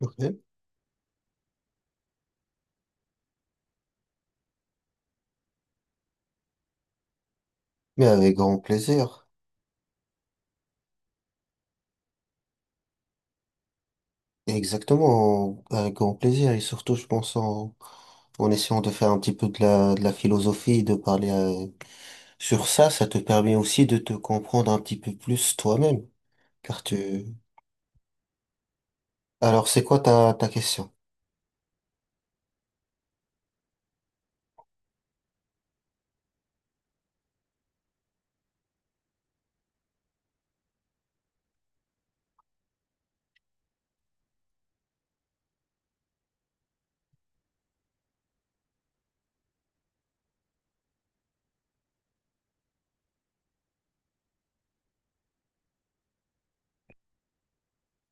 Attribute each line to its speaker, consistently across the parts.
Speaker 1: Ok. Mais avec grand plaisir. Exactement, avec grand plaisir. Et surtout, je pense en essayant de faire un petit peu de la philosophie, de parler sur ça, ça te permet aussi de te comprendre un petit peu plus toi-même. Car tu... Alors, c'est quoi ta question?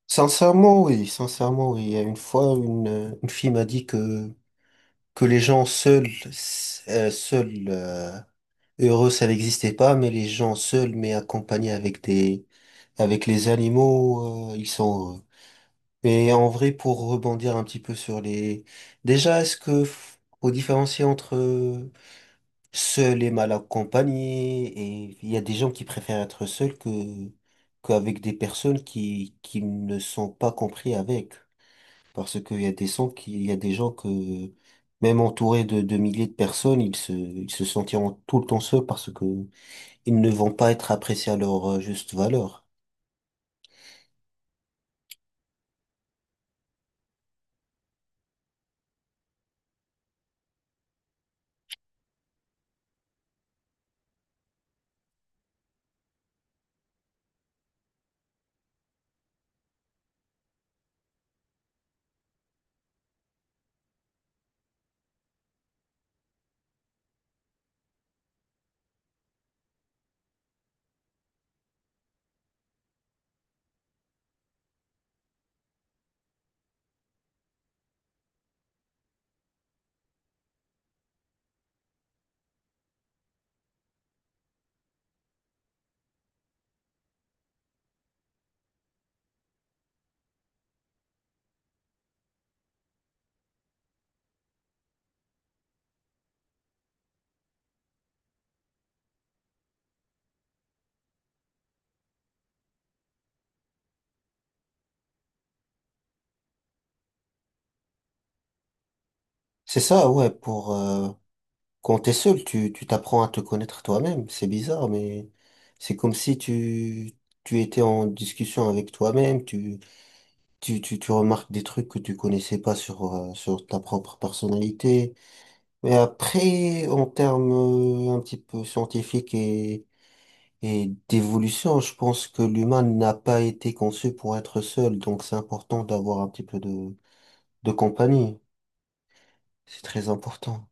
Speaker 1: Sincèrement, oui, sincèrement, oui. Il y a une fois, une fille m'a dit que les gens seuls, seuls heureux, ça n'existait pas, mais les gens seuls, mais accompagnés avec avec les animaux, ils sont heureux. Et en vrai, pour rebondir un petit peu sur les, déjà, est-ce que faut différencier entre seul et mal accompagné? Et il y a des gens qui préfèrent être seuls que qu'avec des personnes qui ne sont pas compris avec, parce qu'il y a des gens qui, il y a des gens que même entourés de milliers de personnes, ils se sentiront tout le temps seuls parce que ils ne vont pas être appréciés à leur juste valeur. C'est ça, ouais, pour quand t'es seul, tu t'apprends à te connaître toi-même. C'est bizarre, mais c'est comme si tu étais en discussion avec toi-même, tu remarques des trucs que tu connaissais pas sur sur ta propre personnalité. Mais après, en termes un petit peu scientifiques et d'évolution, je pense que l'humain n'a pas été conçu pour être seul, donc c'est important d'avoir un petit peu de compagnie. C'est très important.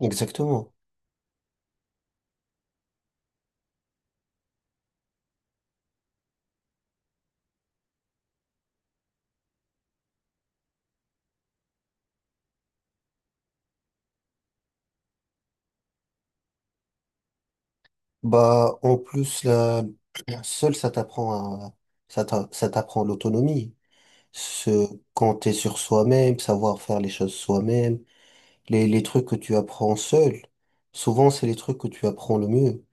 Speaker 1: Exactement. Bah, en plus, la, seul, ça t'apprend à, ça t'apprend l'autonomie. Se compter sur soi-même, savoir faire les choses soi-même. Les trucs que tu apprends seul, souvent, c'est les trucs que tu apprends le mieux.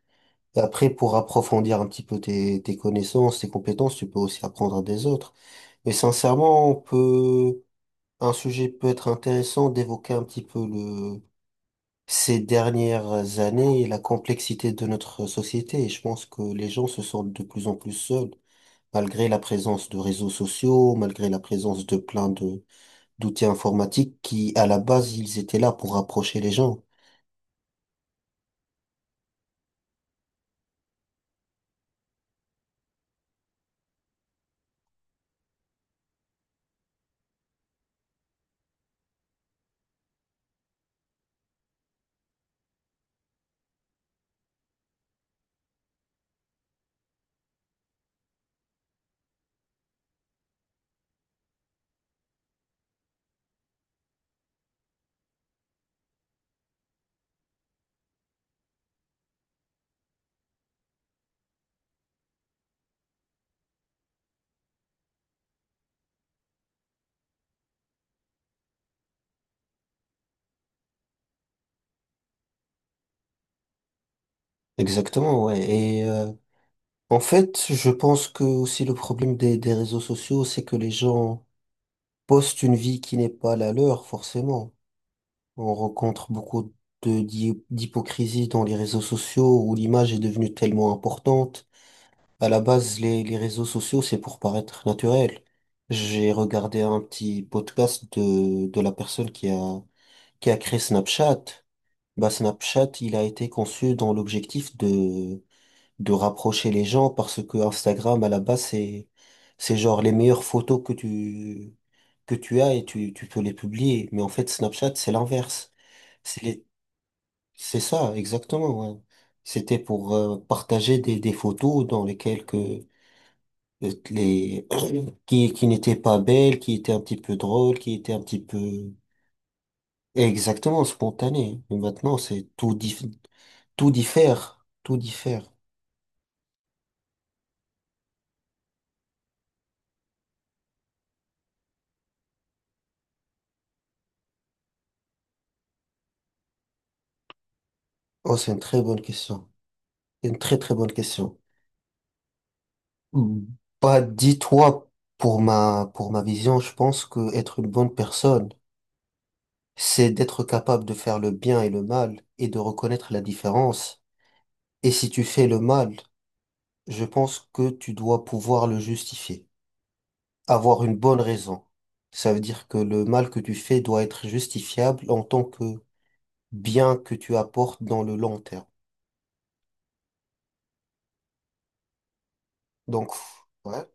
Speaker 1: Et après, pour approfondir un petit peu tes, tes connaissances, tes compétences, tu peux aussi apprendre des autres. Mais sincèrement, on peut, un sujet peut être intéressant d'évoquer un petit peu le, ces dernières années, et la complexité de notre société, et je pense que les gens se sentent de plus en plus seuls, malgré la présence de réseaux sociaux, malgré la présence de plein de d'outils informatiques qui, à la base, ils étaient là pour rapprocher les gens. Exactement, ouais. Et en fait, je pense que aussi le problème des réseaux sociaux, c'est que les gens postent une vie qui n'est pas la leur, forcément. On rencontre beaucoup de d'hypocrisie dans les réseaux sociaux où l'image est devenue tellement importante. À la base, les réseaux sociaux, c'est pour paraître naturel. J'ai regardé un petit podcast de la personne qui a créé Snapchat. Bah, Snapchat, il a été conçu dans l'objectif de rapprocher les gens parce que Instagram, à la base, c'est genre les meilleures photos que tu as et tu peux les publier. Mais en fait, Snapchat, c'est l'inverse. C'est les- c'est ça, exactement, ouais. C'était pour partager des photos dans lesquelles que les qui n'étaient pas belles, qui étaient un petit peu drôles, qui étaient un petit peu exactement spontanées. Mais maintenant, c'est tout diffère, tout diffère. Oh, c'est une très bonne question. Une très très bonne question. Mm. Bah, dis-toi, pour ma vision, je pense que être une bonne personne, c'est d'être capable de faire le bien et le mal et de reconnaître la différence. Et si tu fais le mal, je pense que tu dois pouvoir le justifier. Avoir une bonne raison. Ça veut dire que le mal que tu fais doit être justifiable en tant que bien que tu apportes dans le long terme. Donc, ouais,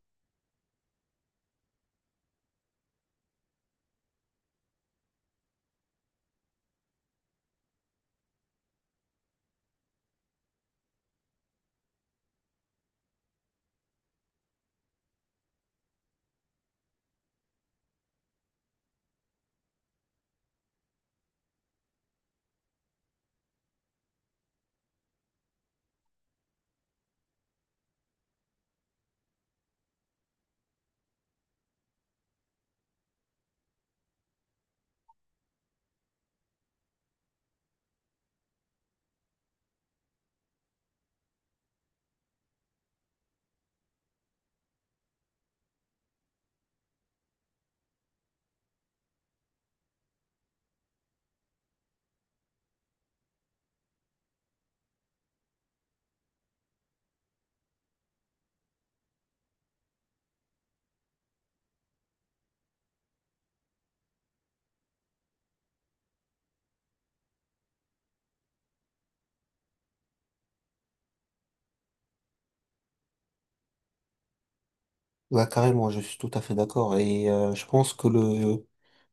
Speaker 1: ouais, carrément, je suis tout à fait d'accord. Et je pense que le,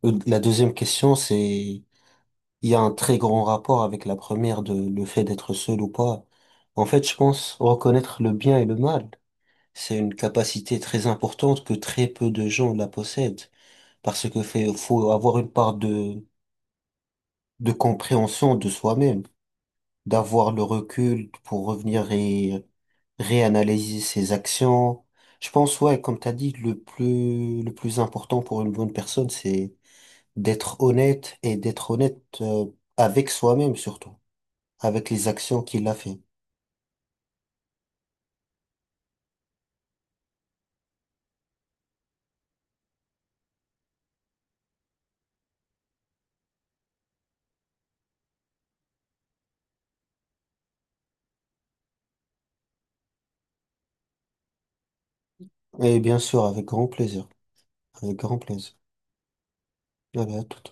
Speaker 1: la deuxième question, c'est, il y a un très grand rapport avec la première de le fait d'être seul ou pas. En fait, je pense reconnaître le bien et le mal, c'est une capacité très importante que très peu de gens la possèdent. Parce que fait, faut avoir une part de compréhension de soi-même, d'avoir le recul pour revenir et réanalyser ses actions. Je pense, ouais, comme t'as dit, le plus important pour une bonne personne, c'est d'être honnête et d'être honnête avec soi-même surtout, avec les actions qu'il a fait. Et bien sûr, avec grand plaisir, avec grand plaisir. Allez, à tout.